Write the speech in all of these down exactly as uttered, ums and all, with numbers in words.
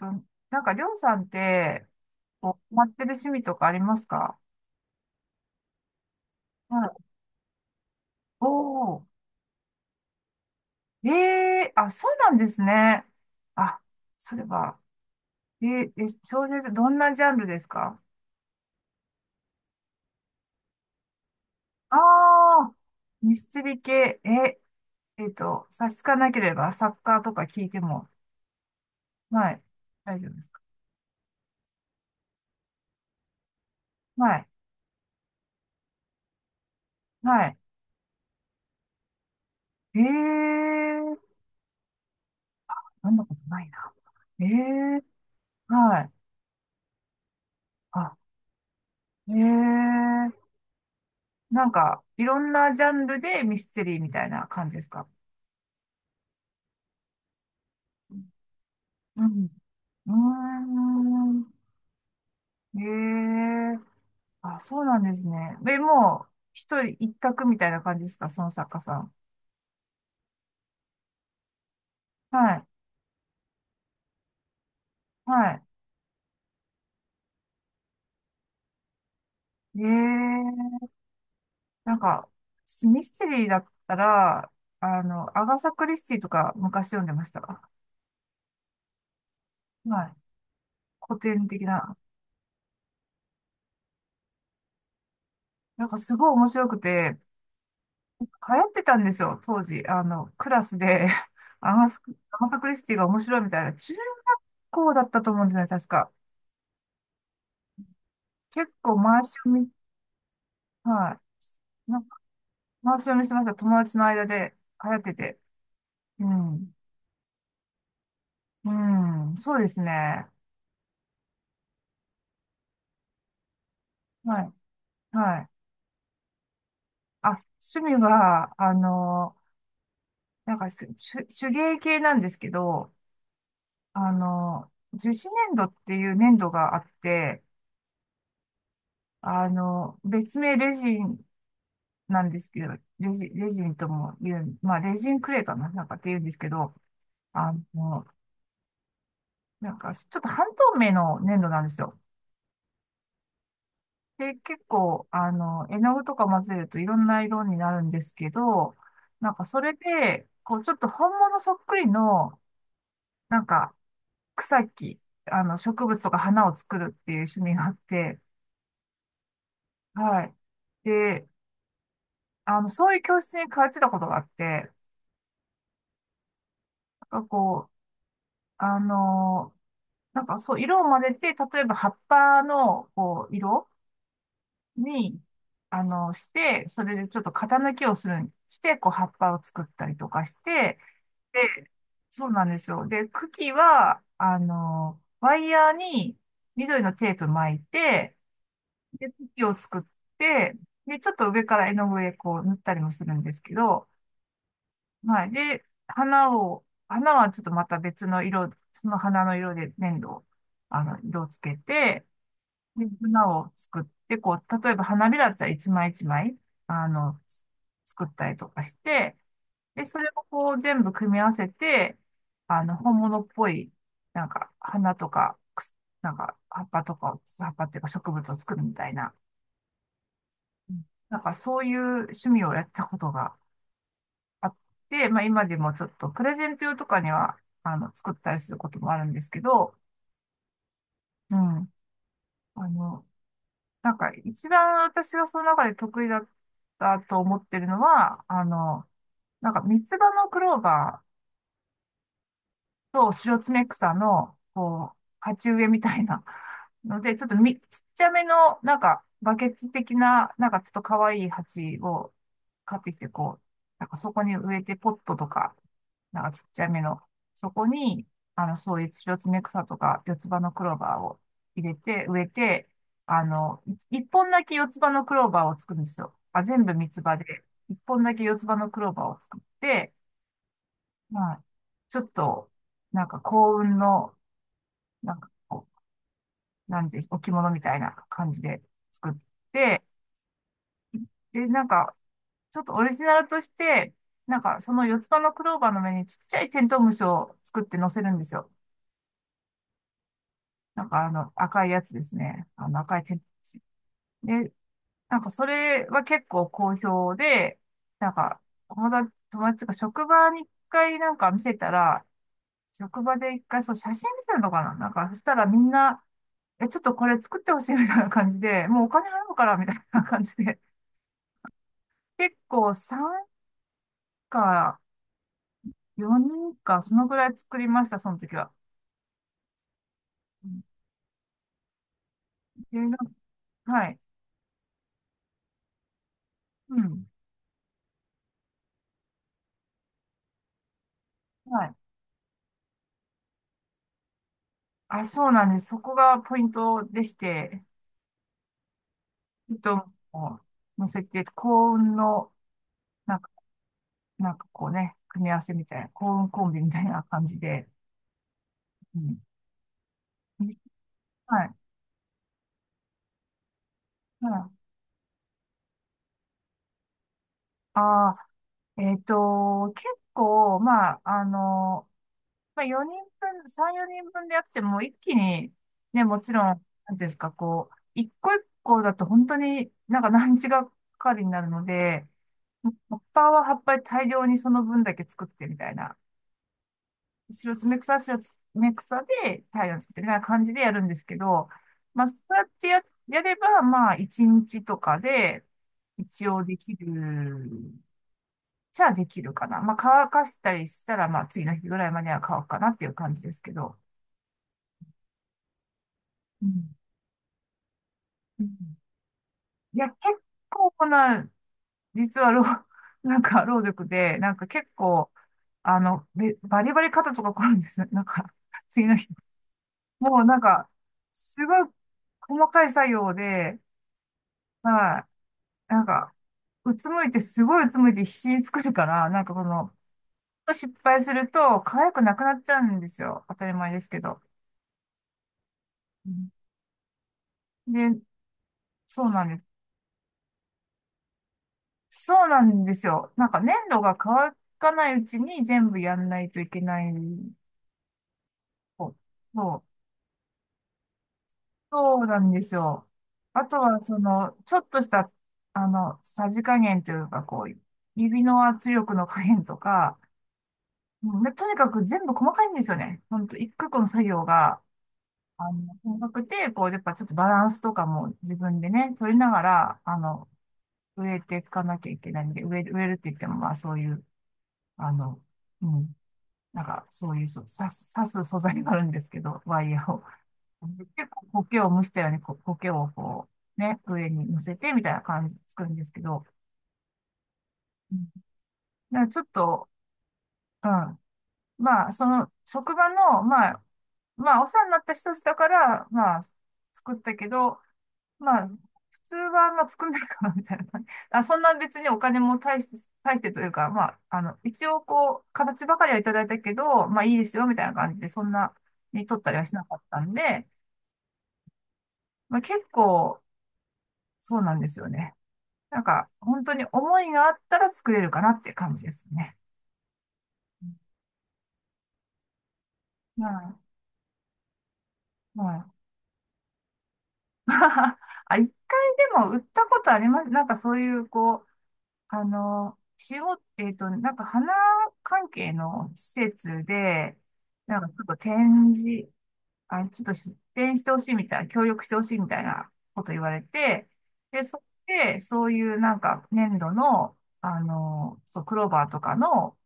あ、なんか、りょうさんって、こう、ハマってる趣味とかありますか？はい。おー。ええ。あ、そうなんですね。あ、それは、えーえ、小説、どんなジャンルですか？ああー、ミステリー系、え、えっと、差し支えなければ、作家とか聞いても、はい、大丈夫ですか？はい、はい。ええー、飲んだことないな。ええ。はい。あ、ええ。なんか、いろんなジャンルでミステリーみたいな感じですか？うん。うーん。ええ。あ、そうなんですね。で、もう、一人一択みたいな感じですか、その作家さん？はい。はい。ええ。なんか、私ミステリーだったら、あの、アガサ・クリスティとか昔読んでました。はい。古典的な。なんかすごい面白くて、流行ってたんですよ、当時。あの、クラスで、アガス、アガサ・クリスティが面白いみたいな、中高だったと思うんですよね、確か。結構回し読み、はい。なんか回し読みしてました。友達の間で流行ってて。うん。うん、そうですね。はい。はい。あ、趣味は、あの、なんかし手、手芸系なんですけど、あの、樹脂粘土っていう粘土があって、あの、別名レジンなんですけど、レジ、レジンとも言う、まあ、レジンクレーかな、なんかって言うんですけど、あの、なんか、ちょっと半透明の粘土なんですよ。で、結構、あの、絵の具とか混ぜるといろんな色になるんですけど、なんか、それで、こう、ちょっと本物そっくりの、なんか、草木、あの、植物とか花を作るっていう趣味があって、はい。で、あの、そういう教室に通ってたことがあって、なんかこう、あのなんかそう、色を混ぜて、例えば葉っぱのこう色に、あの、して、それでちょっと型抜きをするん、して、こう葉っぱを作ったりとかして、で、そうなんですよ。で、茎は、あの、ワイヤーに緑のテープ巻いて、で、茎を作って、で、ちょっと上から絵の具でこう塗ったりもするんですけど、はい。で、花を、花はちょっとまた別の色、その花の色で粘土を、あの、色をつけて、で花を作って、こう、例えば花びらだったら一枚一枚、あの、作ったりとかして、で、それをこう全部組み合わせて、あの、本物っぽい、なんか、花とか、くすなんか、葉っぱとかを、葉っぱっていうか植物を作るみたいな、うん。なんかそういう趣味をやったことがあって、まあ今でもちょっとプレゼント用とかには、あの、作ったりすることもあるんですけど、うん。あの、なんか、一番私がその中で得意だったと思ってるのは、あの、なんか、三つ葉のクローバー、と、シロツメクサの、こう、鉢植えみたいな ので、ちょっとみ、ちっちゃめの、なんか、バケツ的な、なんかちょっと可愛い鉢を買ってきて、こう、なんかそこに植えて、ポットとか、なんかちっちゃめの、そこに、あの、そういうシロツメクサとか、四つ葉のクローバーを入れて、植えて、あの、い一本だけ四つ葉のクローバーを作るんですよ。あ、全部三つ葉で、一本だけ四つ葉のクローバーを作って、まあ、ちょっと、なんか幸運の、なんかこう、なんで、置物みたいな感じで作って、で、なんか、ちょっとオリジナルとして、なんか、その四つ葉のクローバーの上にちっちゃいテントウムシを作って乗せるんですよ。なんか、あの、赤いやつですね。あの、赤いテントウムシ。で、なんか、それは結構好評で、なんか、友達、友達が職場に一回なんか見せたら、職場で一回、そう、写真見せるのかな、なんか、そしたらみんな、え、ちょっとこれ作ってほしいみたいな感じで、もうお金払うからみたいな感じで、結構さんかよにんか、そのぐらい作りました、その時は。うん。でなんか、はい。うん。はい。あ、そうなんです。そこがポイントでして、ちょっともう乗せて、幸運の、なんか、なんかこうね、組み合わせみたいな、幸運コンビみたいな感じで。うん。はい。はい。ああ、えっと、結構、まあ、あの、まあ、よにんぶん、さん、よにんぶんでやっても、一気に、ね、もちろん、なんていうんですか、こう、一個一個だと本当になんか何日がかかりになるので、葉っぱは葉っぱで大量にその分だけ作ってみたいな、白爪草は白爪草で大量に作ってみたいな感じでやるんですけど、まあ、そうやってや、やれば、まあ、いちにちとかで、一応できる、じゃあできるかな。まあ、乾かしたりしたら、まあ、次の日ぐらいまでは乾くかなっていう感じですけど。うん。うん。いや、結構な、実は労、なんか労力で、なんか結構、あの、べバリバリ肩とか凝るんですよ。なんか、次の日。もうなんか、すごい細かい作業で、はい、なんか、うつむいて、すごいうつむいて必死に作るから、なんかこの、失敗すると、可愛くなくなっちゃうんですよ。当たり前ですけど。うん。で、そうなんです。そうなんですよ。なんか粘土が乾かないうちに全部やんないといけない。そうそう、そうなんですよ。あとは、その、ちょっとした、あの、さじ加減というか、こう、指の圧力の加減とか、うん。で、とにかく全部細かいんですよね。ほんと、一個一個の作業が、あの、細かくて、こう、やっぱちょっとバランスとかも自分でね、取りながら、あの、植えていかなきゃいけないんで、植える、植えるって言っても、まあ、そういう、あの、うん、なんか、そういう、そう刺す、刺す素材があるんですけど、ワイヤーを。結構苔を蒸したように、こう、苔をこう、ね、上に乗せてみたいな感じで作るんですけど、うん。だからちょっと、うん。まあ、その、職場の、まあ、まあ、お世話になった人たちだから、まあ、作ったけど、まあ、普通は、まあ、作んないかな、みたいな感じ。あ、そんな別にお金も大して、大してというか、まあ、あの、一応、こう、形ばかりはいただいたけど、まあ、いいですよ、みたいな感じで、そんなに取ったりはしなかったんで、まあ、結構、そうなんですよね。なんか、本当に思いがあったら作れるかなっていう感じですね。はい。はい。あ、一回でも売ったことあります。なんかそういう、こう、あの、仕事、えっと、なんか花関係の施設で、なんかちょっと展示、あ、ちょっと出店してほしいみたいな、協力してほしいみたいなこと言われて、で、そこで、そういうなんか粘土の、あの、そう、クローバーとかの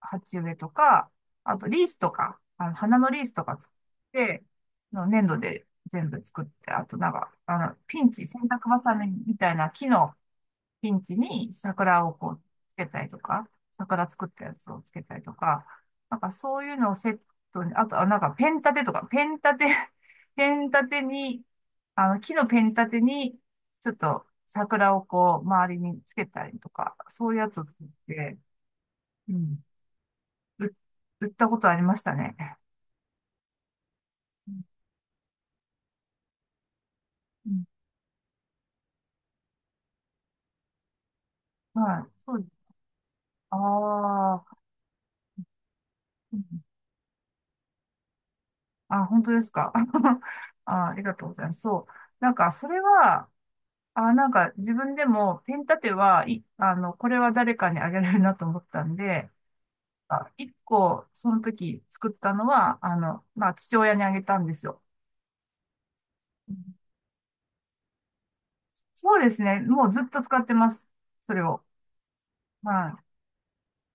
鉢植えとか、あとリースとか、あの、花のリースとか作って、の粘土で全部作って、あとなんか、あの、ピンチ、洗濯バサミみたいな木のピンチに桜をこうつけたりとか、桜作ったやつをつけたりとか、なんかそういうのをセットに、あとはなんかペン立てとか、ペン立て、ペン立てに、あの木のペン立てに、ちょっと桜をこう周りにつけたりとか、そういうやつを作って、うん、う売ったことありましたね。うん。うん。はい、そうです。ああ、うん。あ、本当ですか。あ、ありがとうございます。そう。なんか、それは、あ、なんか自分でもペン立ては、い、あの、これは誰かにあげられるなと思ったんで、あ、一個、その時作ったのは、あの、まあ、父親にあげたんですよ。うん。そうですね。もうずっと使ってます。それを。は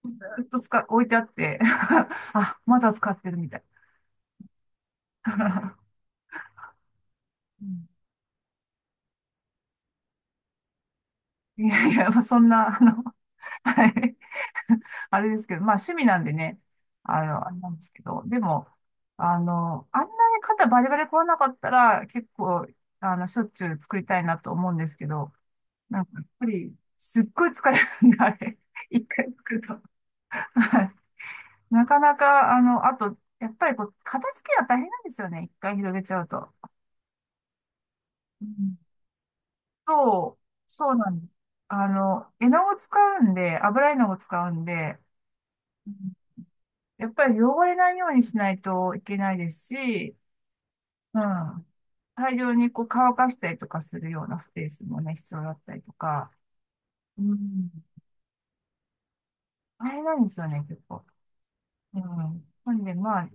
い。ずっと使、置いてあって あ、まだ使ってるみたい。うん。いやいや、まあ、そんな、あの、はい。あれですけど、まあ趣味なんでね、あの、あれなんですけど、でも、あの、あんなに肩バリバリ凝らなかったら、結構、あの、しょっちゅう作りたいなと思うんですけど、なんかやっぱり、すっごい疲れるんで、あれ、一回作ると。はい。なかなか、あの、あと、やっぱりこう、片付けが大変なんですよね、一回広げちゃうと。うん。そう、そうなんです。あの、絵の具使うんで、油絵の具使うんで、やっぱり汚れないようにしないといけないですし、うん。大量にこう乾かしたりとかするようなスペースもね、必要だったりとか、うん。大変なんですよね、結構。うん。なんで、まあ、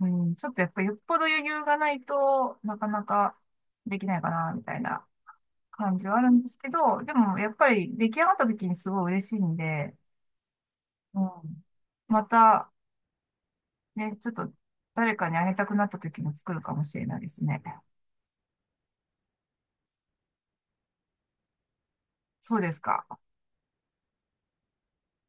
うん、ちょっとやっぱりよっぽど余裕がないとなかなかできないかな、みたいな感じはあるんですけど、でもやっぱり出来上がった時にすごい嬉しいんで、うん。また、ね、ちょっと誰かにあげたくなった時に作るかもしれないですね。そうですか。